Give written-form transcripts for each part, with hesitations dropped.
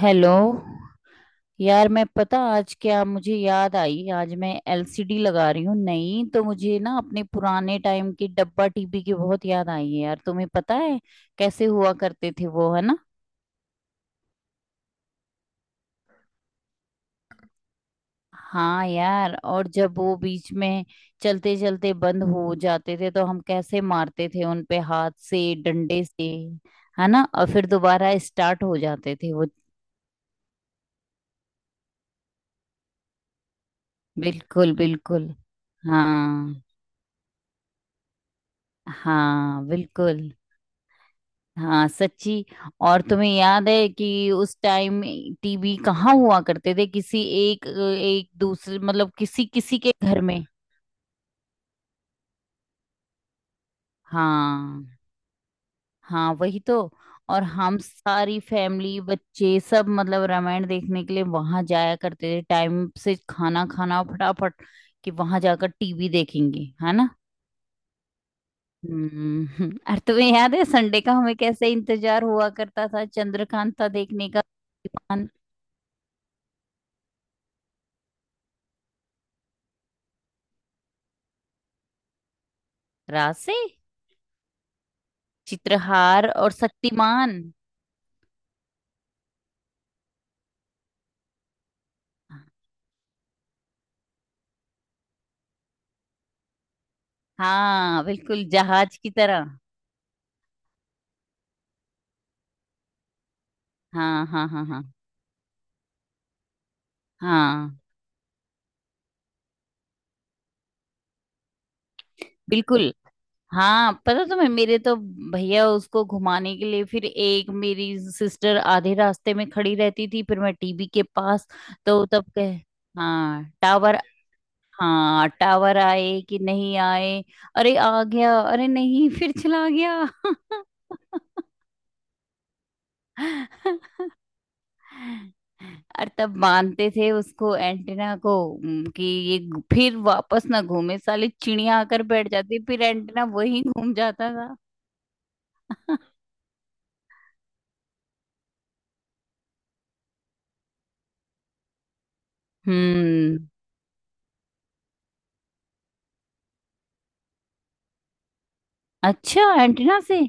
Hello. यार मैं पता आज क्या मुझे याद आई, आज मैं एलसीडी लगा रही हूँ नई, तो मुझे ना अपने पुराने टाइम की डब्बा टीवी की बहुत याद आई है। यार तुम्हें पता है कैसे हुआ करते थे वो, है ना। हाँ यार, और जब वो बीच में चलते चलते बंद हो जाते थे तो हम कैसे मारते थे उन पे, हाथ से, डंडे से, है ना। और फिर दोबारा स्टार्ट हो जाते थे वो। बिल्कुल बिल्कुल। हाँ हाँ बिल्कुल। हाँ सच्ची। और तुम्हें याद है कि उस टाइम टीवी कहाँ हुआ करते थे, किसी एक एक दूसरे, मतलब किसी किसी के घर में। हाँ, हाँ वही तो। और हम सारी फैमिली, बच्चे सब, मतलब रामायण देखने के लिए वहां जाया करते थे, टाइम से खाना खाना फटाफट कि वहां जाकर टीवी देखेंगे, है ना। हम्म। और तुम्हें याद है संडे का हमें कैसे इंतजार हुआ करता था चंद्रकांता देखने का। दीवान। रात से। चित्रहार और शक्तिमान। हाँ बिल्कुल, जहाज की तरह। हाँ हाँ हाँ हाँ। हाँ बिल्कुल। हाँ पता, तुम्हें मेरे तो भैया उसको घुमाने के लिए, फिर एक मेरी सिस्टर आधे रास्ते में खड़ी रहती थी, फिर मैं टीवी के पास। तो तब कह हाँ टावर। हाँ टावर आए कि नहीं आए। अरे आ गया, अरे नहीं फिर चला गया। और तब मानते थे उसको, एंटीना को, कि फिर वापस ना घूमे, साली चिड़िया आकर बैठ जाती, फिर एंटीना वही घूम जाता था। हम्म। अच्छा, एंटीना से।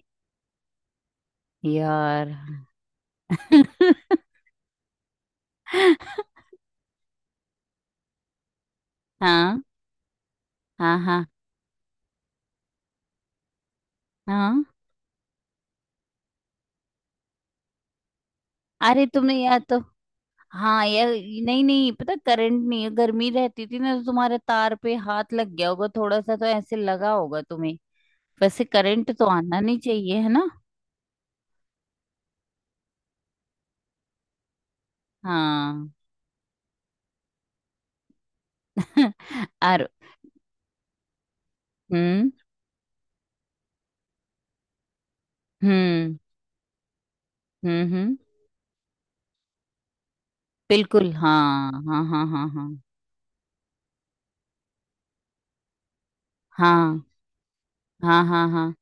यार। हाँ हाँ हाँ हाँ। अरे तुमने यार तो। हाँ यार, नहीं नहीं, पता करंट नहीं है, गर्मी रहती थी ना तो तुम्हारे तार पे हाथ लग गया होगा थोड़ा सा, तो ऐसे लगा होगा तुम्हें। वैसे करंट तो आना नहीं चाहिए, है ना। हाँ। और हम्म हम्म हम्म। बिल्कुल, हाँ हाँ हाँ हाँ हाँ हाँ हाँ हाँ हाँ।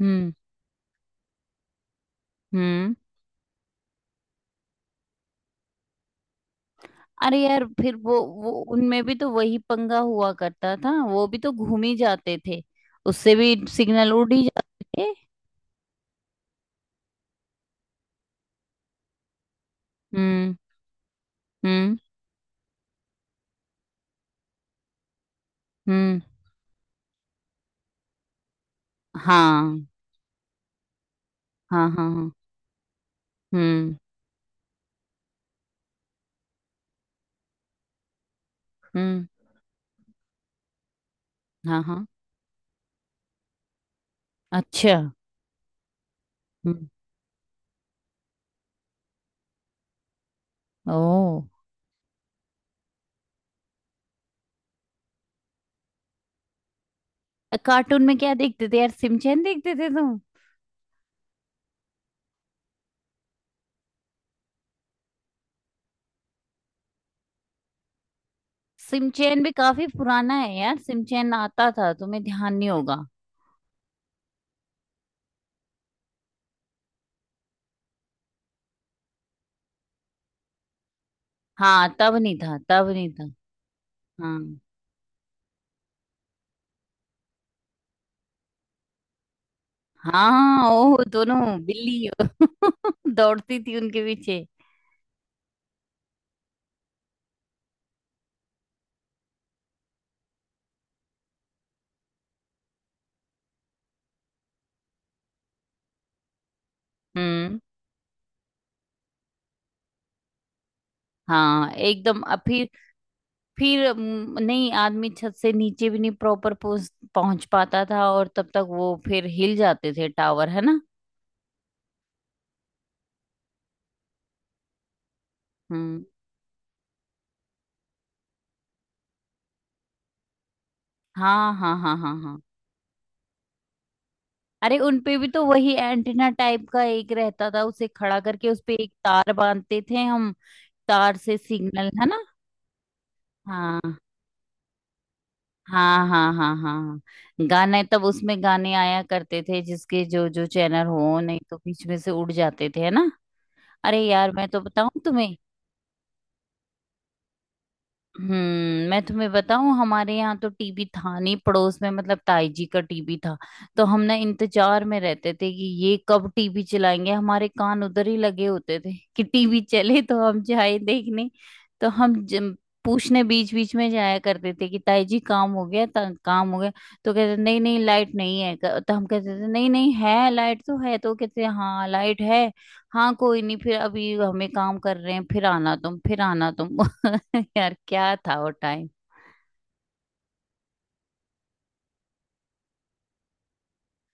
हम्म हम्म। अरे यार फिर वो उनमें भी तो वही पंगा हुआ करता था, वो भी तो घूम ही जाते थे। उससे भी सिग्नल उड़ ही जाते थे। हम्म हम्म हम्म। हाँ हाँ हाँ हाँ। हम्म हम्म। हाँ हाँ। अच्छा। हम्म। ओ। कार्टून में क्या देखते थे यार, सिमचैन देखते थे तुम। सिमचैन भी काफी पुराना है यार, सिमचैन आता था, तुम्हें ध्यान नहीं होगा। हाँ तब नहीं था, तब नहीं था। हाँ, हाँ ओह दोनों। बिल्ली दौड़ती थी उनके पीछे। हम्म। हाँ एकदम। अब फिर नहीं आदमी छत से नीचे भी नहीं प्रॉपर पहुंच पहुंच पाता था, और तब तक वो फिर हिल जाते थे टावर, है ना। हम्म। हाँ हाँ हाँ हाँ हाँ। अरे उनपे भी तो वही एंटीना टाइप का एक रहता था, उसे खड़ा करके उसपे एक तार बांधते थे हम। तार से सिग्नल, है ना। हाँ हाँ हाँ हाँ हाँ हाँ। गाने, तब उसमें गाने आया करते थे जिसके जो जो चैनल हो, नहीं तो बीच में से उड़ जाते थे, है ना। अरे यार मैं तो बताऊं तुम्हें। हम्म, मैं तुम्हें बताऊं, हमारे यहाँ तो टीवी था नहीं, पड़ोस में मतलब ताई जी का टीवी था। तो हम ना इंतजार में रहते थे कि ये कब टीवी चलाएंगे, हमारे कान उधर ही लगे होते थे कि टीवी चले तो हम जाए देखने। तो हम जम- पूछने बीच बीच में जाया करते थे कि ताई जी काम हो गया, काम हो गया। तो कहते नहीं नहीं, लाइट नहीं है। तो हम कहते थे नहीं नहीं है लाइट, तो है, तो कहते हाँ लाइट है। हाँ कोई नहीं, फिर अभी हमें काम कर रहे हैं, फिर आना तुम, फिर आना तुम। यार क्या था वो टाइम।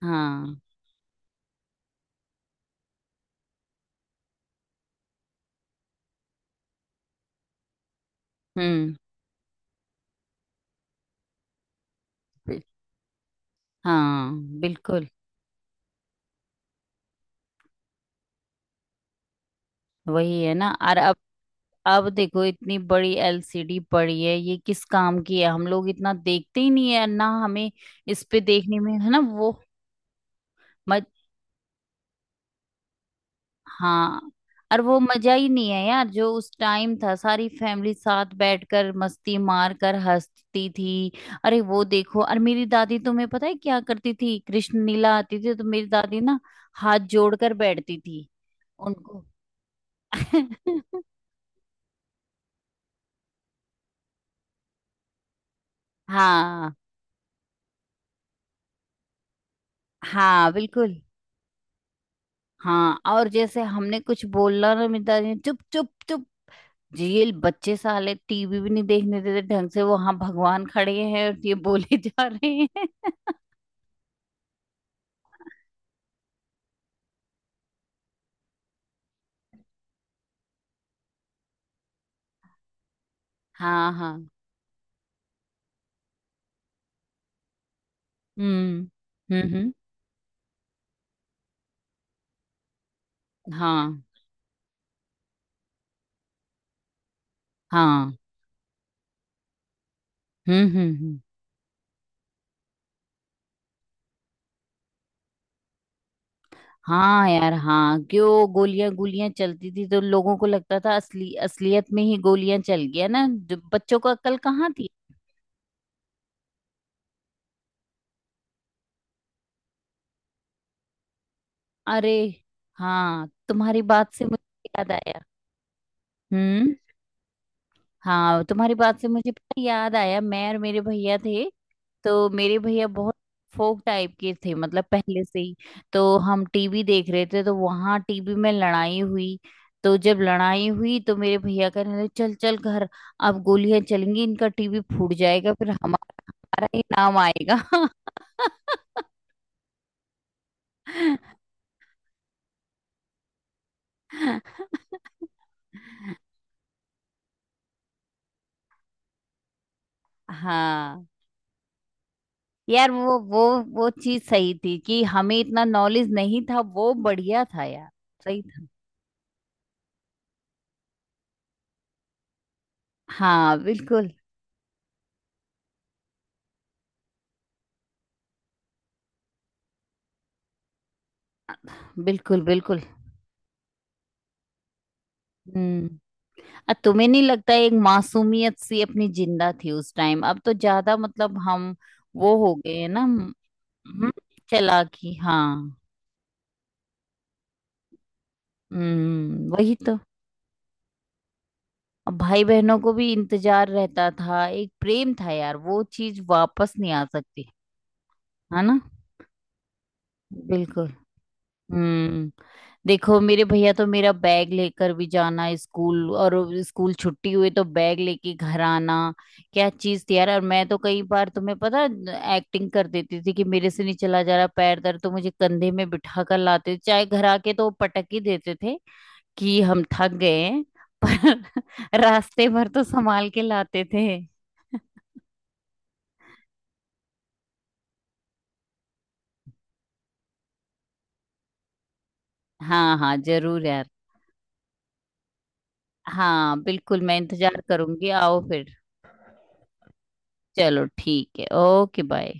हाँ। हम्म। बिल- हाँ बिल्कुल। वही है ना। और अब देखो, इतनी बड़ी एलसीडी पड़ी है, ये किस काम की है, हम लोग इतना देखते ही नहीं, है ना। हमें इस पे देखने में, है ना वो। मज। हाँ। और वो मजा ही नहीं है यार जो उस टाइम था, सारी फैमिली साथ बैठकर मस्ती मार कर हंसती थी। अरे वो देखो, और मेरी दादी, तुम्हें पता है क्या करती थी, कृष्ण लीला आती थी तो मेरी दादी ना हाथ जोड़कर बैठती थी उनको। हाँ हाँ बिल्कुल। हाँ, और जैसे हमने कुछ बोलना, ना मिलता नहीं, चुप चुप चुप। जेल बच्चे साले टीवी भी नहीं देखने देते ढंग से वो, हाँ भगवान खड़े हैं और ये बोले जा रहे हैं। हाँ हाँ। हम्म हम्म। हाँ हाँ। हम्म। हाँ यार हाँ, क्यों गोलियां गोलियां चलती थी तो लोगों को लगता था असली असलियत में ही गोलियां चल गया ना, जो बच्चों को अक्ल कहाँ। अरे। हाँ तुम्हारी बात से मुझे याद आया। हम्म। हाँ तुम्हारी बात से मुझे पता याद आया, मैं और मेरे भैया थे, तो मेरे भैया बहुत फोक टाइप के थे मतलब पहले से ही, तो हम टीवी देख रहे थे, तो वहां टीवी में लड़ाई हुई, तो जब लड़ाई हुई तो मेरे भैया कहने लगे चल चल घर, अब गोलियां चलेंगी, इनका टीवी फूट जाएगा, फिर हमारा हमारा ही नाम आएगा। हाँ यार। वो वो चीज सही थी कि हमें इतना नॉलेज नहीं था, वो बढ़िया था यार। सही था। हाँ बिल्कुल बिल्कुल बिल्कुल। हम्म। तुम्हें नहीं लगता एक मासूमियत सी अपनी जिंदा थी उस टाइम, अब तो ज्यादा मतलब हम वो हो गए हैं ना। हम्म, चालाकी, हाँ। वही तो। अब भाई बहनों को भी इंतजार रहता था, एक प्रेम था यार, वो चीज वापस नहीं आ सकती, है ना। बिल्कुल। हम्म। देखो मेरे भैया तो मेरा बैग लेकर भी जाना स्कूल, और स्कूल छुट्टी हुई तो बैग लेके घर आना। क्या चीज थी यार। और मैं तो कई बार तुम्हें पता एक्टिंग कर देती थी कि मेरे से नहीं चला जा रहा, पैर दर्द, तो मुझे कंधे में बिठा कर लाते थे, चाहे घर आके तो वो पटक ही देते थे कि हम थक गए हैं, पर रास्ते भर तो संभाल के लाते थे। हाँ हाँ जरूर यार। हाँ बिल्कुल, मैं इंतजार करूंगी, आओ फिर। चलो ठीक है, ओके बाय।